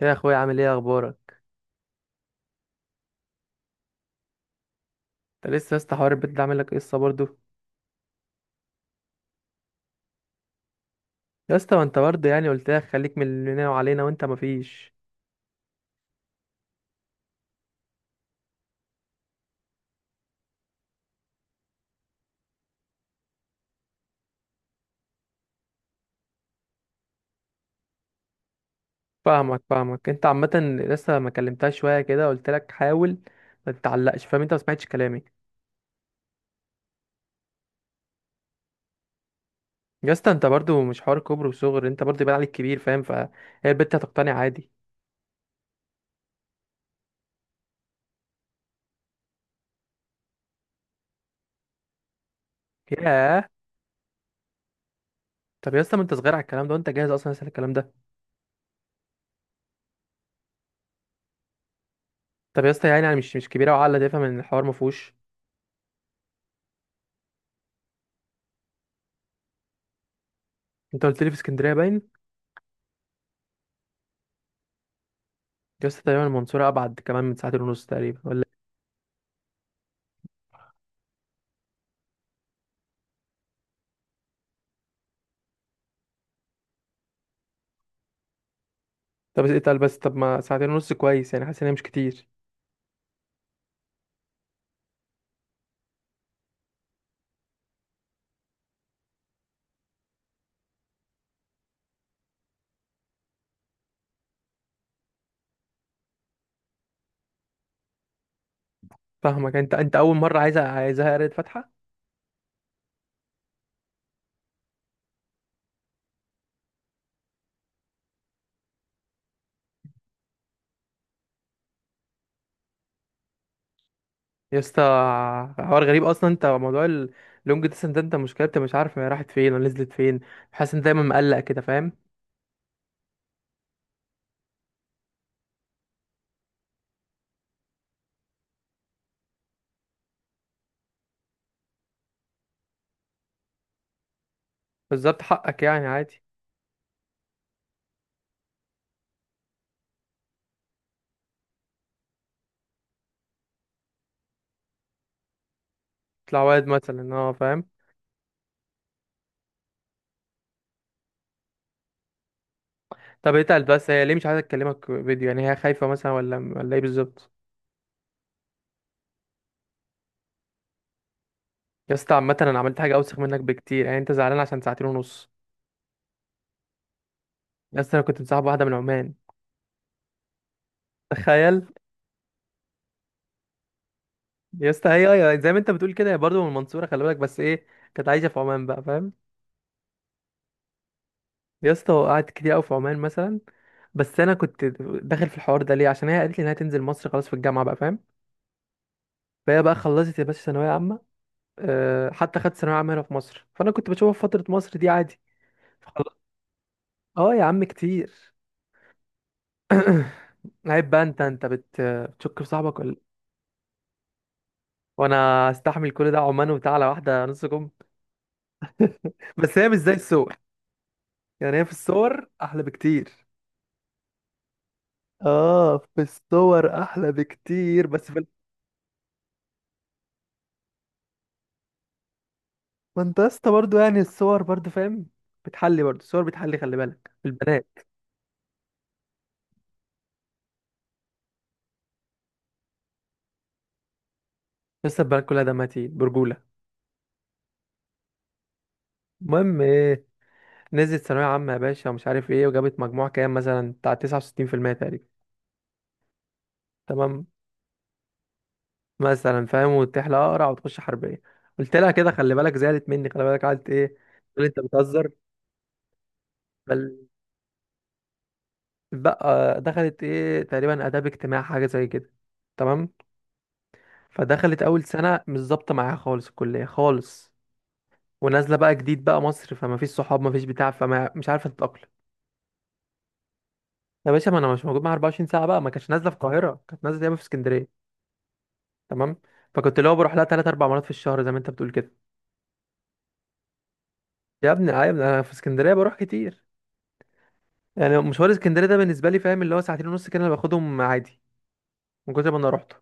يا اخويا، عامل ايه؟ اخبارك؟ انت لسه يا اسطى حوار البيت ده عامل لك قصه برضه؟ يا اسطى، ما انت برضه يعني قلت لك خليك من اللي لنا وعلينا وانت مفيش. فاهمك فاهمك انت عامه. لسه ما كلمتهاش شويه كده قلت لك حاول ما تتعلقش، فاهم؟ انت ما سمعتش كلامي. يا اسطى، انت برضه مش حوار كبر وصغر، انت برضه يبان عليك كبير، فاهم؟ فهي البت هتقتنع عادي. ياه. طب يا اسطى، ما انت صغير على الكلام ده، وانت جاهز اصلا لسه الكلام ده؟ طب يا اسطى، يعني انا مش كبيره وعقله تفهم ان الحوار ما فيهوش. انت قلت لي في اسكندريه باين. يا اسطى، تقريبا المنصوره ابعد كمان من ساعتين ونص تقريبا ولا؟ طب اتقل بس، طب ما ساعتين ونص كويس، يعني حاسس ان هي مش كتير. فاهمك. انت اول مره عايزها قريت فاتحه؟ يا اسطى، حوار غريب اصلا، انت موضوع اللونج ديستنس ده انت مشكلتك مش عارف هي راحت فين ولا نزلت فين. حاسس ان دايما مقلق كده، فاهم؟ بالظبط حقك يعني عادي. تطلع واد مثلا، اه فاهم. طب اتقل بس، هي ليه مش عايزه تكلمك فيديو؟ يعني هي خايفه مثلا ولا ايه بالظبط؟ يا اسطى عامه انا عملت حاجه اوسخ منك بكتير، يعني انت زعلان عشان ساعتين ونص! يا اسطى، انا كنت مصاحب واحده من عمان. تخيل. يا اسطى، هي زي ما انت بتقول كده، هي برضه من المنصوره، خلي بالك، بس ايه؟ كانت عايشه في عمان بقى، فاهم؟ يا اسطى قعدت كتير قوي في عمان مثلا. بس انا كنت داخل في الحوار ده ليه؟ عشان هي قالت لي انها تنزل مصر خلاص في الجامعه بقى، فاهم؟ فهي بقى خلصت يا باشا ثانويه عامه. أه، حتى خدت ثانويه عامه هنا في مصر، فانا كنت بشوفها في فتره مصر دي عادي. فخل- اه يا عم كتير. عيب بقى، بتشك في صاحبك ولا؟ وانا استحمل كل ده، عمان وبتاع، على واحده نص كم! بس هي مش زي الصور، يعني هي في الصور احلى بكتير. اه في الصور احلى بكتير، ما انت يا اسطى برضه يعني الصور برضه فاهم، بتحلي برضه، الصور بتحلي، خلي بالك في البنات. لسه البنات كلها دمها تقيل برجوله. المهم ايه؟ نزلت ثانويه عامه يا باشا ومش عارف ايه، وجابت مجموع كام مثلا بتاع 69% تقريبا. تمام. مثلا فاهم، وتحلى اقرع وتخش حربيه. قلت لها كده خلي بالك، زعلت مني خلي بالك، قعدت ايه؟ تقول لي انت بتهزر. بل. بقى دخلت ايه تقريبا، اداب، اجتماع، حاجه زي كده. تمام. فدخلت اول سنه مش ظابطه معاها خالص الكليه خالص. ونازله بقى جديد بقى مصر، فما فيش صحاب ما فيش بتاع، فما مش عارفه تتاقلم. يا باشا، ما انا مش موجود معاها 24 ساعه بقى، ما كانتش نازله في القاهره، كانت نازله دايما في اسكندريه. تمام. فكنت اللي هو بروح لها ثلاث اربع مرات في الشهر زي ما انت بتقول كده. يا ابني آه، يا ابني انا في اسكندريه بروح كتير، يعني مشوار اسكندريه ده بالنسبه لي فاهم اللي هو ساعتين ونص كده انا باخدهم عادي من كتر ما انا روحته.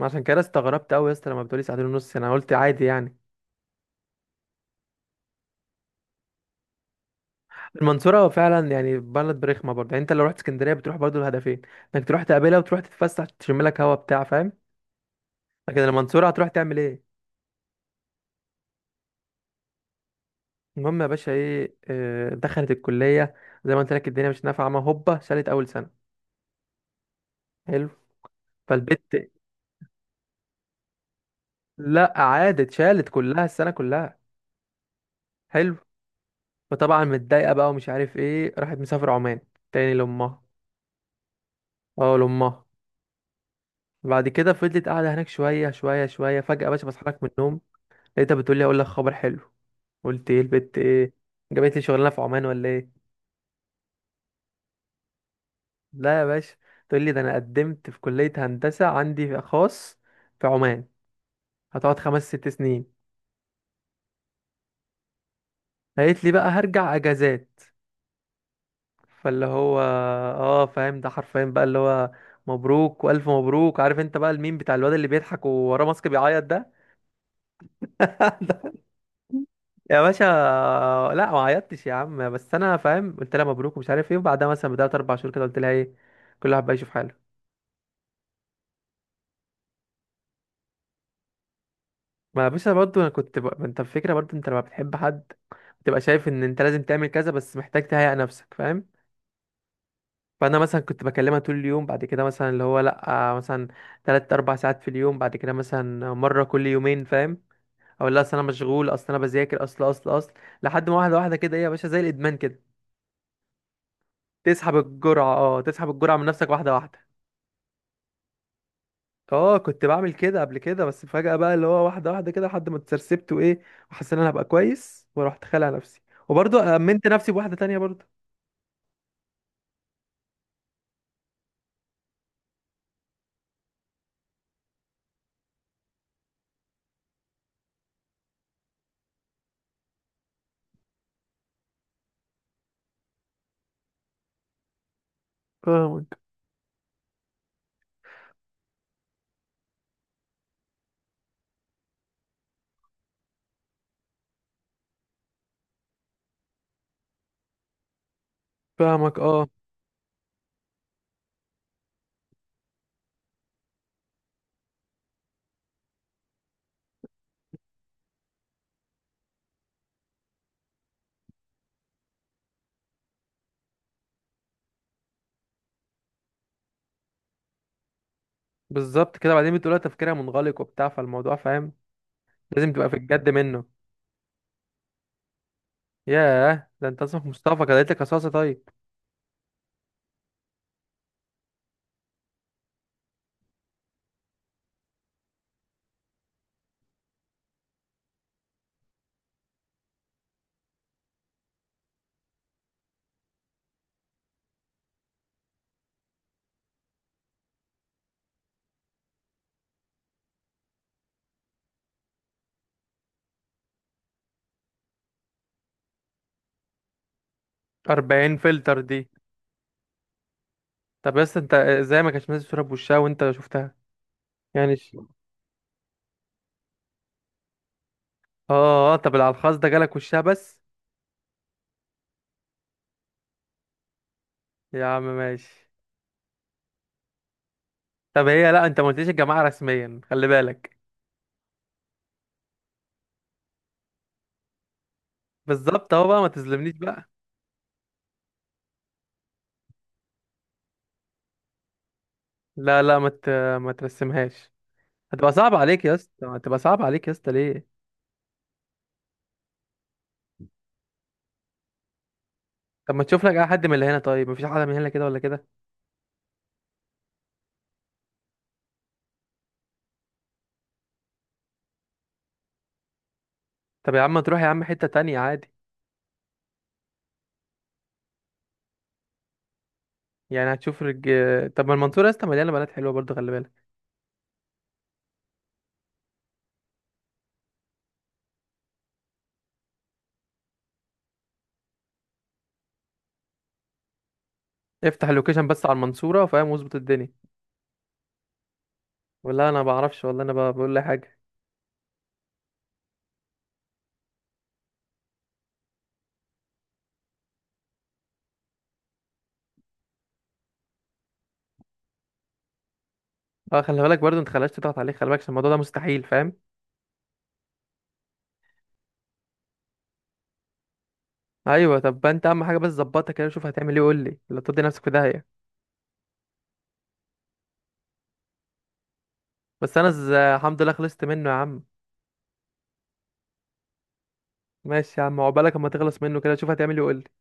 عشان كده استغربت قوي يا اسطى لما بتقولي ساعتين ونص انا قلت عادي يعني. المنصورة فعلا يعني بلد رخمة برضه، يعني انت لو رحت اسكندرية بتروح برضه الهدفين، انك تروح تقابلها وتروح تتفسح تشم لك هوا بتاع، فاهم؟ لكن المنصورة هتروح تعمل ايه؟ المهم يا باشا ايه، دخلت الكلية. زي ما قلت لك، الدنيا مش نافعة، ما هوبا شالت أول سنة. حلو. فالبت، لا عادت، شالت كلها، السنة كلها. حلو. فطبعا متضايقة بقى ومش عارف ايه، راحت مسافرة عمان تاني لأمها. اه لأمها. بعد كده فضلت قاعدة هناك شوية شوية شوية، فجأة يا باشا بصحى لك من النوم لقيتها بتقول لي اقول لك خبر حلو. قلت ايه البت ايه؟ جابت لي شغلانه في عمان ولا ايه؟ لا يا باشا، تقول لي ده انا قدمت في كليه هندسه عندي في خاص في عمان، هتقعد خمس ست سنين. قالت لي بقى هرجع اجازات. فاللي هو اه فاهم، ده حرفيا بقى اللي هو مبروك والف مبروك، عارف انت بقى الميم بتاع الواد اللي بيضحك ووراه ماسك بيعيط ده؟ يا باشا، لا ما عيطتش يا عم، بس انا فاهم قلت لها مبروك ومش عارف ايه، وبعدها مثلا بدأت اربع شهور كده قلت لها ايه، كل واحد بقى يشوف حاله. ما باشا برضه انا ما انت الفكره برضه، انت لما بتحب حد بتبقى شايف ان انت لازم تعمل كذا، بس محتاج تهيئ نفسك، فاهم؟ فانا مثلا كنت بكلمها طول اليوم، بعد كده مثلا اللي هو لا مثلا تلات اربع ساعات في اليوم، بعد كده مثلا مره كل يومين، فاهم؟ اقول لها اصل انا مشغول، اصل انا بذاكر، اصل اصل اصل، لحد ما واحده واحده كده ايه يا باشا زي الادمان كده، تسحب الجرعه، اه تسحب الجرعه من نفسك واحده واحده. اه كنت بعمل كده قبل كده، بس فجأة بقى اللي هو واحدة واحدة كده لحد ما اتسرسبت وايه، وحسيت ان انا هبقى كويس، ورحت خالع نفسي. وبرضه امنت نفسي بواحدة تانية برضه. فاهمك فاهمك اه. بالظبط كده، بعدين بتقولها تفكيرها منغلق وبتاع، فالموضوع فاهم لازم تبقى في الجد منه. ياه، ده انت اسمك مصطفى، كده لك رصاصة طيب! 40 فلتر دي. طب بس انت ازاي ما كانش نازل صورة بوشها وانت شفتها؟ يعني ش- اه اه، طب العلخاص ده جالك وشها بس؟ يا عم ماشي. طب هي لا، انت ما قلتليش الجماعة رسميا، خلي بالك. بالظبط اهو بقى، ما تظلمنيش بقى. لا لا، ما ترسمهاش. هتبقى صعب عليك يا اسطى، هتبقى صعب عليك يا اسطى، ليه؟ طب ما تشوف لك اي حد من اللي هنا، طيب مفيش حد من هنا كده ولا كده؟ طب يا عم تروح يا عم حتة تانية عادي. يعني هتشوف رج... طب ما المنصورة يا اسطى مليانة بنات حلوة برضه، خلي بالك. افتح اللوكيشن بس على المنصورة، فاهم، واظبط الدنيا. والله انا ما بعرفش، والله انا بقول لي حاجة. اه خلي بالك برضه انت، خلاش تضغط عليك، خلي بالك عشان الموضوع ده مستحيل، فاهم؟ ايوه، طب انت اهم حاجة بس ظبطها كده، شوف هتعمل ايه وقول لي، لا تدي نفسك في داهية. بس انا الحمد لله خلصت منه يا عم. ماشي يا عم، عقبالك اما تخلص منه، كده شوف هتعمل ايه.